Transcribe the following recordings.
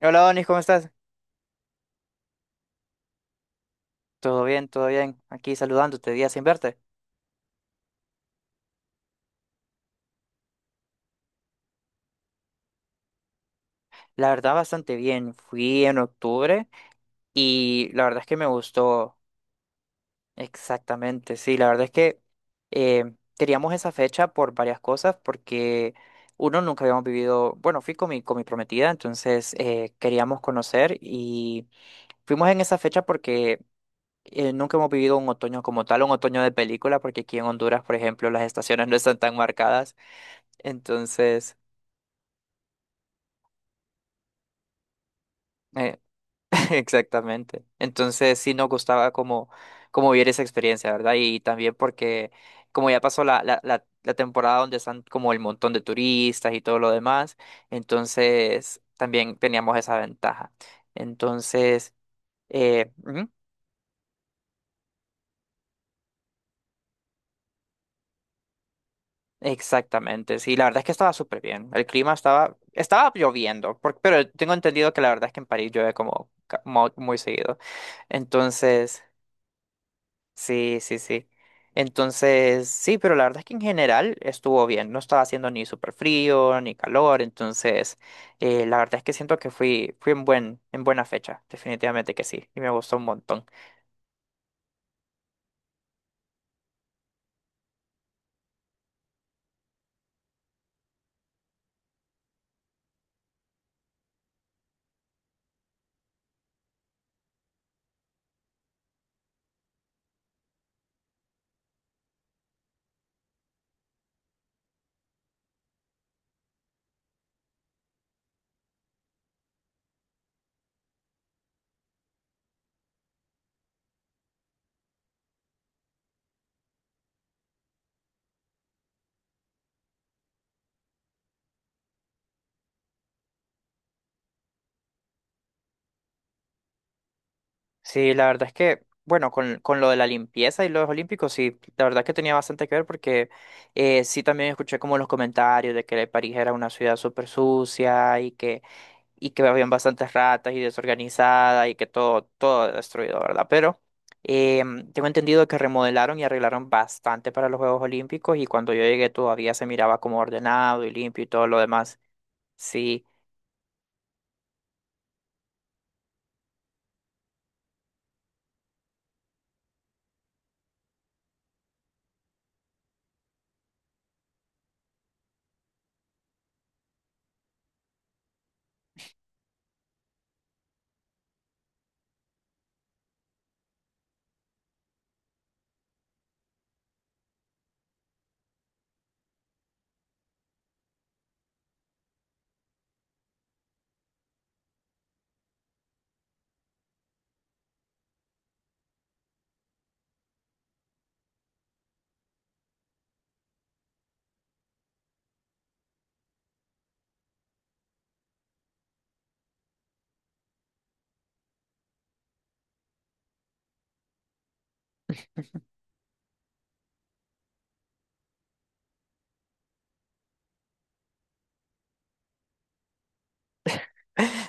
Hola, Donis, ¿cómo estás? Todo bien, todo bien. Aquí saludándote, día sin verte. La verdad, bastante bien. Fui en octubre y la verdad es que me gustó. Exactamente. Sí, la verdad es que queríamos esa fecha por varias cosas, porque uno nunca habíamos vivido. Bueno, fui con mi prometida, entonces queríamos conocer y fuimos en esa fecha porque. Nunca hemos vivido un otoño como tal, un otoño de película, porque aquí en Honduras, por ejemplo, las estaciones no están tan marcadas. Entonces, eh, exactamente. Entonces sí nos gustaba como, como vivir esa experiencia, ¿verdad? Y también porque como ya pasó la temporada donde están como el montón de turistas y todo lo demás, entonces también teníamos esa ventaja. Entonces, ujú, exactamente, sí, la verdad es que estaba súper bien. El clima estaba lloviendo, pero tengo entendido que la verdad es que en París llueve como muy seguido. Entonces. Sí, sí, sí. Entonces, sí, pero la verdad es que en general estuvo bien. No estaba haciendo ni súper frío ni calor. Entonces, la verdad es que siento que fui en en buena fecha. Definitivamente que sí. Y me gustó un montón. Sí, la verdad es que, bueno, con lo de la limpieza y los olímpicos, sí, la verdad es que tenía bastante que ver porque sí también escuché como los comentarios de que París era una ciudad súper sucia y que habían bastantes ratas y desorganizada y que todo destruido, ¿verdad? Pero tengo entendido que remodelaron y arreglaron bastante para los Juegos Olímpicos y cuando yo llegué todavía se miraba como ordenado y limpio y todo lo demás. Sí.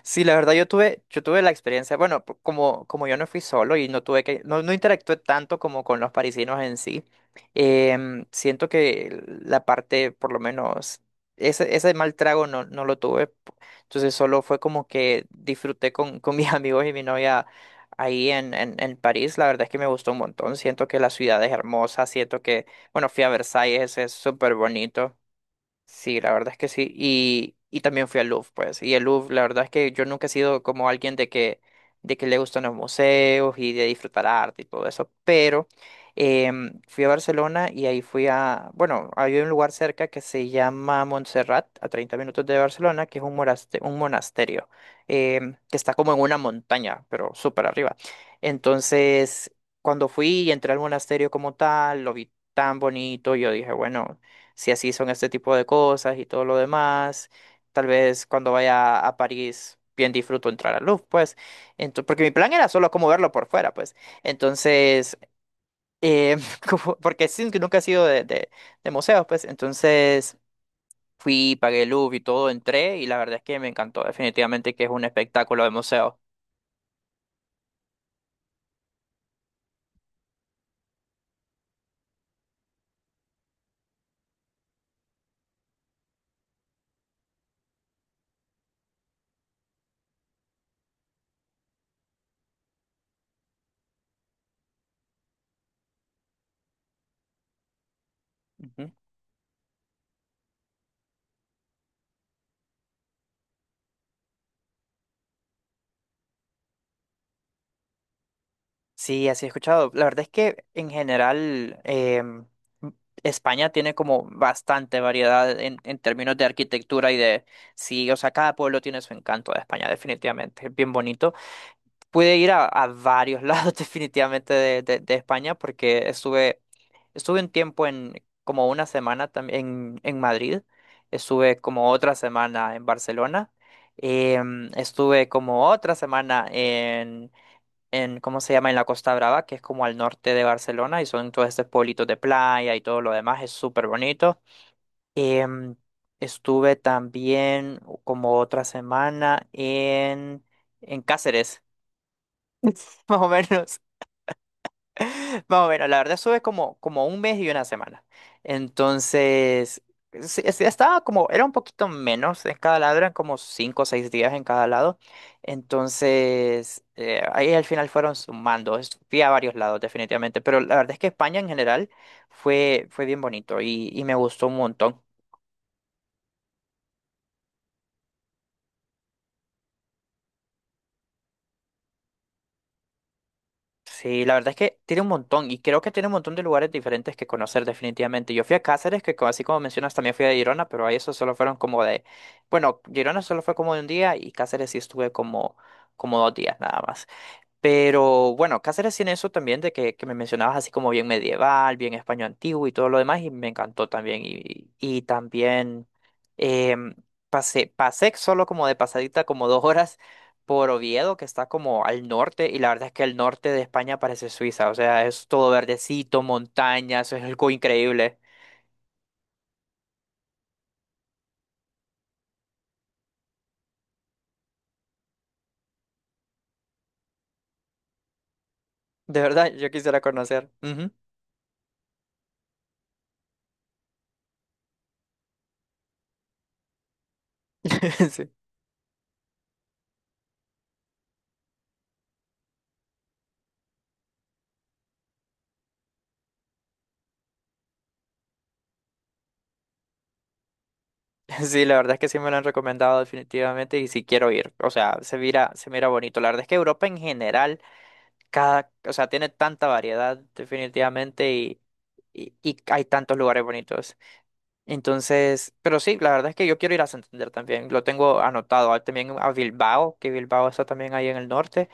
Sí, la verdad yo tuve la experiencia, bueno, como, como yo no fui solo y no tuve que, no, no interactué tanto como con los parisinos en sí, siento que la parte, por lo menos, ese mal trago no, no lo tuve, entonces solo fue como que disfruté con mis amigos y mi novia ahí en París, la verdad es que me gustó un montón, siento que la ciudad es hermosa, siento que, bueno, fui a Versalles, es súper bonito. Sí, la verdad es que sí. Y también fui al Louvre, pues. Y el Louvre, la verdad es que yo nunca he sido como alguien de que le gustan los museos y de disfrutar arte y todo eso. Pero fui a Barcelona y ahí fui a, bueno, hay un lugar cerca que se llama Montserrat, a 30 minutos de Barcelona, que es un monasterio que está como en una montaña, pero súper arriba. Entonces, cuando fui y entré al monasterio como tal, lo vi tan bonito, yo dije, bueno, si así son este tipo de cosas y todo lo demás. Tal vez cuando vaya a París bien disfruto entrar a Louvre, pues. Porque mi plan era solo como verlo por fuera, pues. Entonces, eh, porque sí, que nunca he sido de museos, pues. Entonces fui, pagué el Louvre y todo, entré y la verdad es que me encantó. Definitivamente que es un espectáculo de museo. Ujú. Sí, así he escuchado. La verdad es que en general España tiene como bastante variedad en términos de arquitectura y de. Sí, o sea, cada pueblo tiene su encanto de España, definitivamente. Es bien bonito. Pude ir a varios lados definitivamente de España porque estuve un tiempo como una semana también en Madrid. Estuve como otra semana en Barcelona. Estuve como otra semana en, ¿cómo se llama? En la Costa Brava, que es como al norte de Barcelona, y son todos estos pueblitos de playa y todo lo demás, es súper bonito. Em, Estuve también como otra semana en Cáceres, más o menos. Más o menos, la verdad eso es como, como un mes y una semana. Entonces, sí, sí, estaba como, era un poquito menos en cada lado, eran como 5 o 6 días en cada lado. Entonces, ahí al final fueron sumando, fui a varios lados definitivamente, pero la verdad es que España en general fue bien bonito y me gustó un montón. Sí, la verdad es que tiene un montón y creo que tiene un montón de lugares diferentes que conocer definitivamente. Yo fui a Cáceres, así como mencionas también fui a Girona, pero ahí eso solo fueron como de, bueno, Girona solo fue como de un día y Cáceres sí estuve como, como 2 días nada más. Pero bueno, Cáceres tiene eso también de que me mencionabas así como bien medieval, bien español antiguo y todo lo demás, y me encantó también. Y también em, pasé solo como de pasadita como 2 horas por Oviedo, que está como al norte, y la verdad es que el norte de España parece Suiza, o sea, es todo verdecito, montañas, es algo increíble. De verdad, yo quisiera conocer. Ujú. Sí, la verdad es que sí me lo han recomendado definitivamente y sí quiero ir. O sea, se mira bonito. La verdad es que Europa en general, cada, o sea, tiene tanta variedad definitivamente y hay tantos lugares bonitos. Entonces, pero sí, la verdad es que yo quiero ir a Santander también. Lo tengo anotado. Ah, también a Bilbao, que Bilbao está también ahí en el norte.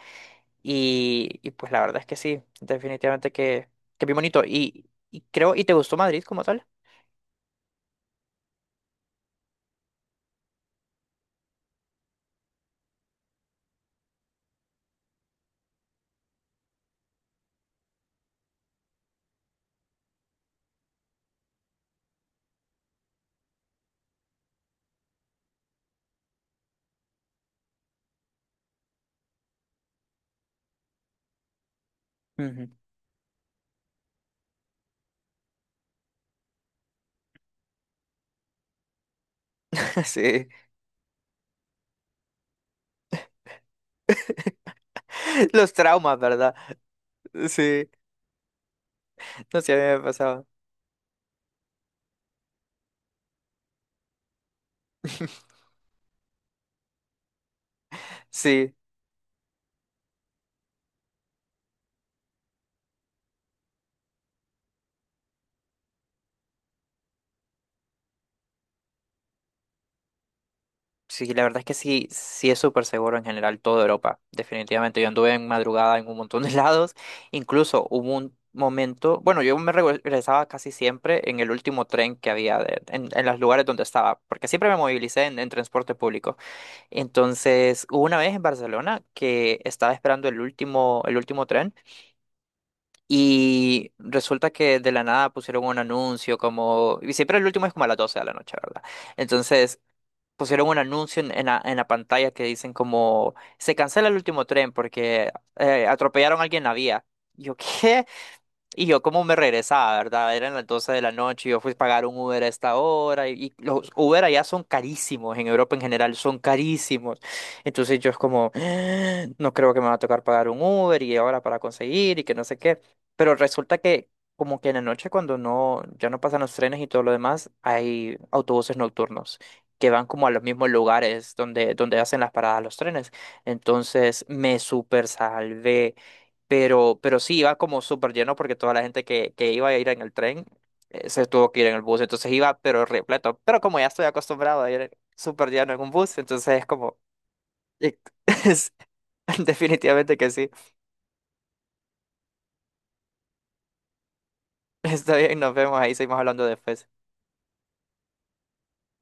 Y pues la verdad es que sí, definitivamente que bien bonito. Y creo, ¿y te gustó Madrid como tal? Ujú. Sí, los traumas, ¿verdad? Sí. No sé, a mí me pasaba. Sí, sí, la verdad es que sí, sí es súper seguro en general toda Europa, definitivamente. Yo anduve en madrugada en un montón de lados, incluso hubo un momento, bueno, yo me regresaba casi siempre en el último tren que había en los lugares donde estaba, porque siempre me movilicé en transporte público. Entonces, hubo una vez en Barcelona que estaba esperando el último tren y resulta que de la nada pusieron un anuncio como, y siempre el último es como a las 12 de la noche, ¿verdad? Entonces pusieron un anuncio en la pantalla que dicen como se cancela el último tren porque atropellaron a alguien en la vía. Yo, ¿qué? Y yo como me regresaba, ¿verdad? Eran las 12 de la noche, yo fui a pagar un Uber a esta hora y los Uber allá son carísimos, en Europa en general son carísimos. Entonces yo es como, "Ah, no creo que me va a tocar pagar un Uber y ahora para conseguir y que no sé qué. Pero resulta que como que en la noche cuando no, ya no pasan los trenes y todo lo demás, hay autobuses nocturnos que van como a los mismos lugares donde hacen las paradas los trenes. Entonces me super salvé. Pero sí iba como súper lleno porque toda la gente que iba a ir en el tren se tuvo que ir en el bus. Entonces iba, pero repleto. Pero como ya estoy acostumbrado a ir súper lleno en un bus, entonces es como. es- definitivamente que sí. Está bien, nos vemos ahí, seguimos hablando después.